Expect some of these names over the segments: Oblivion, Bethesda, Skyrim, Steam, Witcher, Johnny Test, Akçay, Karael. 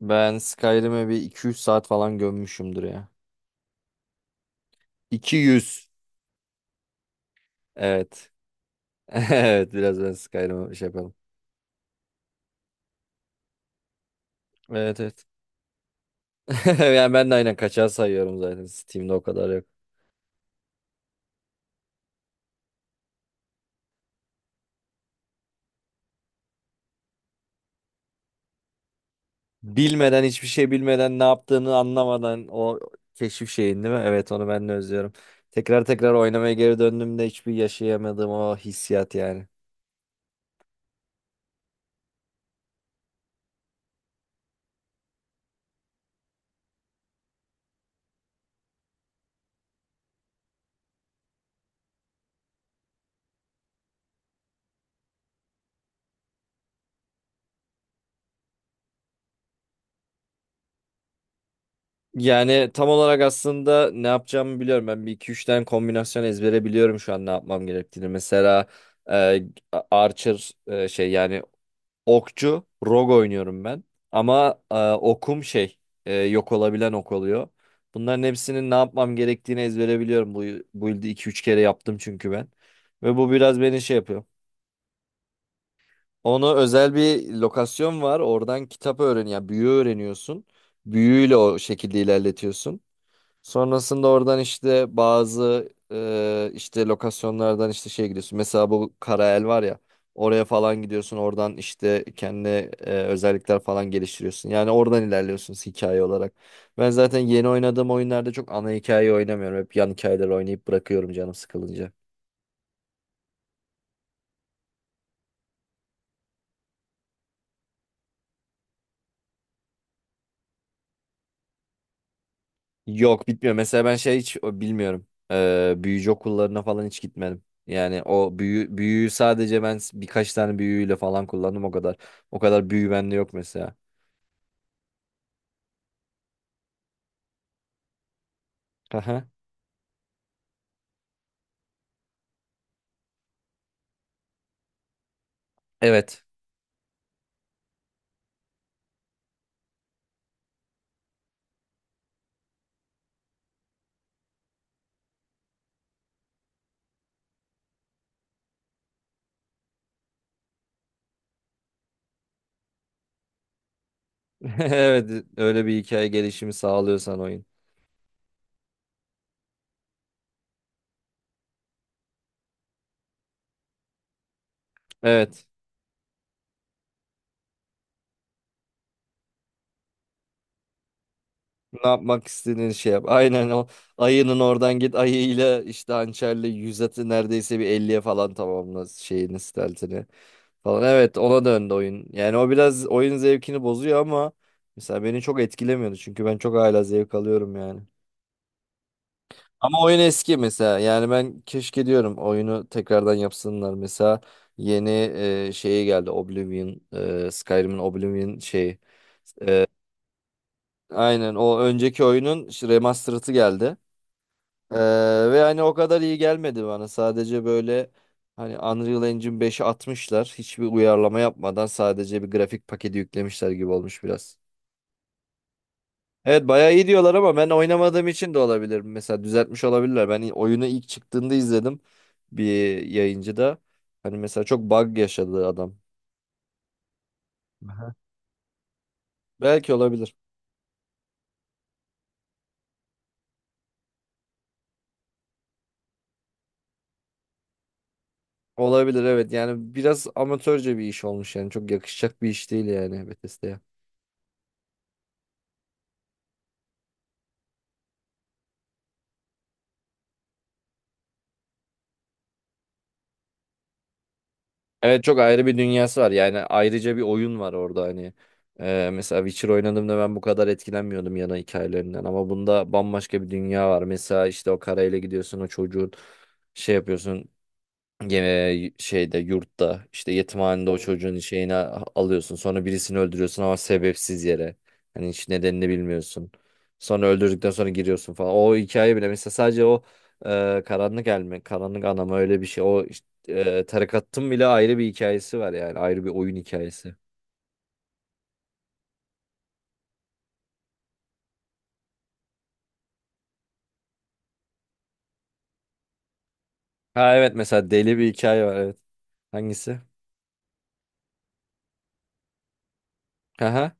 Ben Skyrim'e bir 200 saat falan gömmüşümdür ya. 200, Evet. Evet biraz ben Skyrim'e şey yapalım. Evet evet. Yani ben de aynen kaçağı sayıyorum zaten. Steam'de o kadar yok. Bilmeden hiçbir şey bilmeden ne yaptığını anlamadan o keşif şeyin değil mi? Evet onu ben de özlüyorum. Tekrar tekrar oynamaya geri döndüğümde hiçbir yaşayamadığım o hissiyat yani. Yani tam olarak aslında ne yapacağımı biliyorum. Ben bir iki üç tane kombinasyon ezbere biliyorum şu an ne yapmam gerektiğini. Mesela e, Archer şey yani okçu rogue oynuyorum ben. Ama okum şey yok olabilen ok oluyor. Bunların hepsinin ne yapmam gerektiğini ezbere biliyorum. Bu yılda iki üç kere yaptım çünkü ben. Ve bu biraz beni şey yapıyor. Ona özel bir lokasyon var. Oradan kitap öğren ya büyü öğreniyorsun. Büyüyle o şekilde ilerletiyorsun. Sonrasında oradan işte bazı işte lokasyonlardan işte şey gidiyorsun. Mesela bu Karael var ya oraya falan gidiyorsun. Oradan işte kendi özellikler falan geliştiriyorsun. Yani oradan ilerliyorsun hikaye olarak. Ben zaten yeni oynadığım oyunlarda çok ana hikayeyi oynamıyorum. Hep yan hikayeleri oynayıp bırakıyorum canım sıkılınca. Yok, bitmiyor. Mesela ben şey hiç o, bilmiyorum. Büyücü okullarına falan hiç gitmedim. Yani o büyüyü sadece birkaç tane büyüyle falan kullandım o kadar. O kadar büyü bende yok mesela. Aha. Evet. Evet, öyle bir hikaye gelişimi sağlıyorsan oyun. Evet. Ne yapmak istediğin şey yap. Aynen o ayının oradan git ayıyla işte hançerle yüz atı neredeyse bir elliye falan tamamla şeyini steltini falan. Evet ona döndü oyun. Yani o biraz oyun zevkini bozuyor ama mesela beni çok etkilemiyordu çünkü ben çok hala zevk alıyorum yani. Ama oyun eski mesela. Yani ben keşke diyorum oyunu tekrardan yapsınlar. Mesela yeni şeyi geldi Oblivion, Skyrim'in Oblivion şeyi. Aynen o önceki oyunun işte remastered'ı geldi. E, Ve hani o kadar iyi gelmedi bana. Sadece böyle hani Unreal Engine 5'i atmışlar. Hiçbir uyarlama yapmadan sadece bir grafik paketi yüklemişler gibi olmuş biraz. Evet bayağı iyi diyorlar ama ben oynamadığım için de olabilir. Mesela düzeltmiş olabilirler. Ben oyunu ilk çıktığında izledim bir yayıncıda. Hani mesela çok bug yaşadı adam. Aha. Belki olabilir. Olabilir evet. Yani biraz amatörce bir iş olmuş yani. Çok yakışacak bir iş değil yani Bethesda'ya. Evet çok ayrı bir dünyası var. Yani ayrıca bir oyun var orada hani. Mesela Witcher oynadığımda ben bu kadar etkilenmiyordum yana hikayelerinden. Ama bunda bambaşka bir dünya var. Mesela işte o karayla gidiyorsun o çocuğun şey yapıyorsun. Gene şeyde yurtta işte yetimhanede o çocuğun şeyini alıyorsun. Sonra birisini öldürüyorsun ama sebepsiz yere. Hani hiç nedenini bilmiyorsun. Sonra öldürdükten sonra giriyorsun falan. O hikaye bile mesela sadece o karanlık anama öyle bir şey. O tarikatın bile ayrı bir hikayesi var yani. Ayrı bir oyun hikayesi. Ha evet mesela deli bir hikaye var evet. Hangisi? Haha.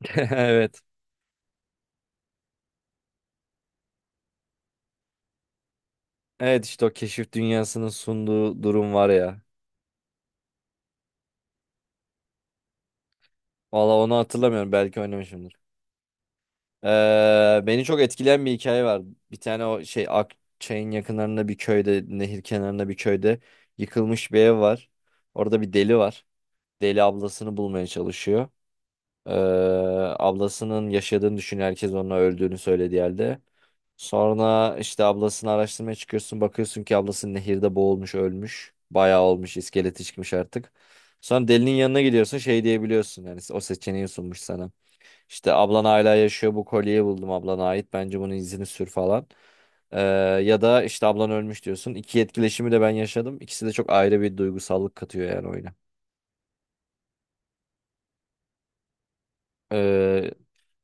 Evet. Evet işte o keşif dünyasının sunduğu durum var ya. Valla onu hatırlamıyorum. Belki oynamışımdır. Beni çok etkileyen bir hikaye var. Bir tane o şey Akçay'ın yakınlarında bir köyde, nehir kenarında bir köyde yıkılmış bir ev var. Orada bir deli var. Deli ablasını bulmaya çalışıyor. Ee, Ablasının yaşadığını düşünüyor. Herkes onun öldüğünü söylediği halde. Sonra işte ablasını araştırmaya çıkıyorsun. Bakıyorsun ki ablası nehirde boğulmuş, ölmüş. Bayağı olmuş, iskeleti çıkmış artık. Sonra delinin yanına gidiyorsun. Şey diyebiliyorsun. Yani o seçeneği sunmuş sana. İşte ablan hala yaşıyor bu kolyeyi buldum ablana ait. Bence bunun izini sür falan. Ee, Ya da işte ablan ölmüş diyorsun. İki etkileşimi de ben yaşadım. İkisi de çok ayrı bir duygusallık katıyor yani oyuna. Ee,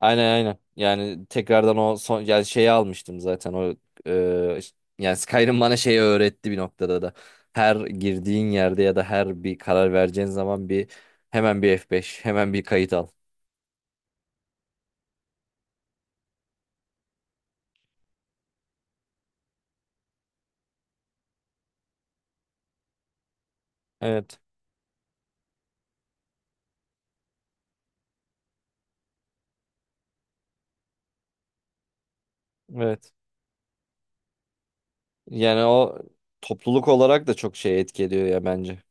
aynen aynen. Yani tekrardan o son yani şeyi almıştım zaten o e, yani Skyrim bana şeyi öğretti bir noktada da. Her girdiğin yerde ya da her bir karar vereceğin zaman hemen bir F5, hemen bir kayıt al. Evet. Evet. Yani o topluluk olarak da çok şey etki ediyor ya bence.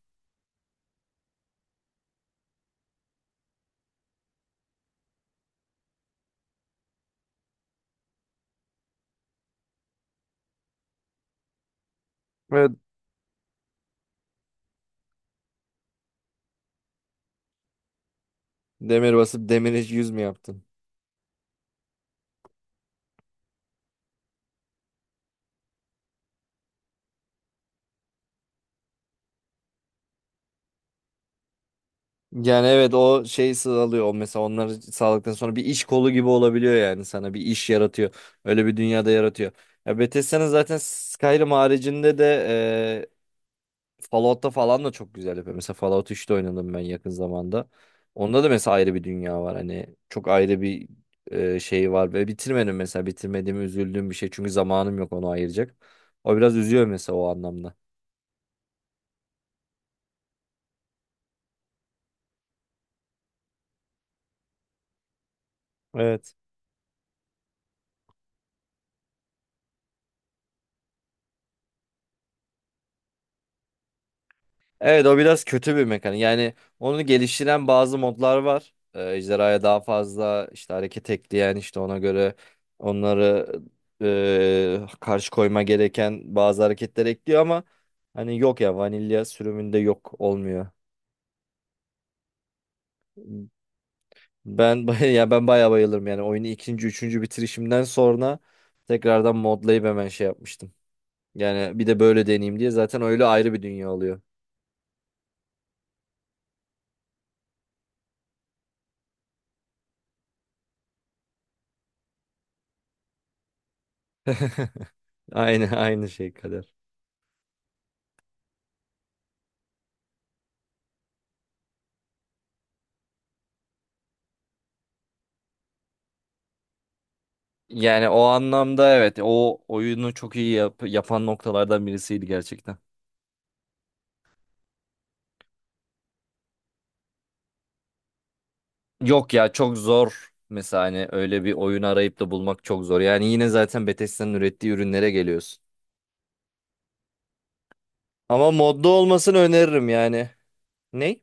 Evet. Demir basıp demir hiç yüz mü yaptın? Yani evet o şey sağlıyor. O mesela onları sağladıktan sonra bir iş kolu gibi olabiliyor yani sana bir iş yaratıyor. Öyle bir dünyada yaratıyor. Ya Bethesda'nın zaten Skyrim haricinde de Fallout'ta falan da çok güzel yapıyor. Mesela Fallout 3'te oynadım ben yakın zamanda. Onda da mesela ayrı bir dünya var. Hani çok ayrı bir şey var. Ve bitirmedim mesela. Bitirmediğimi üzüldüğüm bir şey. Çünkü zamanım yok onu ayıracak. O biraz üzüyor mesela o anlamda. Evet. Evet o biraz kötü bir mekanik. Yani onu geliştiren bazı modlar var. Ejderhaya daha fazla işte hareket ekleyen işte ona göre onları karşı koyma gereken bazı hareketler ekliyor ama hani yok ya vanilya sürümünde yok olmuyor. Ben baya ya ben bayağı bayılırım yani oyunu ikinci üçüncü bitirişimden sonra tekrardan modlayıp hemen şey yapmıştım. Yani bir de böyle deneyeyim diye zaten öyle ayrı bir dünya oluyor. Aynı şey kadar. Yani o anlamda evet o oyunu çok iyi yapan noktalardan birisiydi gerçekten. Yok ya çok zor mesela hani öyle bir oyun arayıp da bulmak çok zor. Yani yine zaten Bethesda'nın ürettiği ürünlere geliyorsun. Ama modda olmasını öneririm yani. Ne?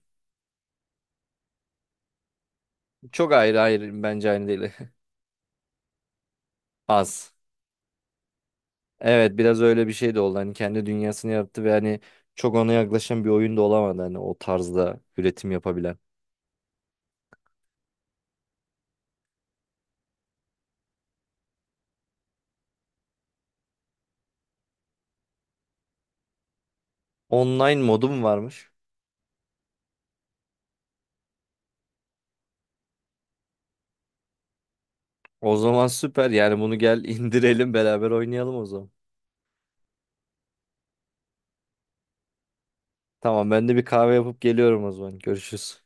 Çok ayrı, hayır, bence aynı değil. Az. Evet biraz öyle bir şey de oldu. Hani kendi dünyasını yarattı ve hani çok ona yaklaşan bir oyun da olamadı hani o tarzda üretim yapabilen. Online modum varmış. O zaman süper. Yani bunu gel indirelim beraber oynayalım o zaman. Tamam ben de bir kahve yapıp geliyorum o zaman. Görüşürüz.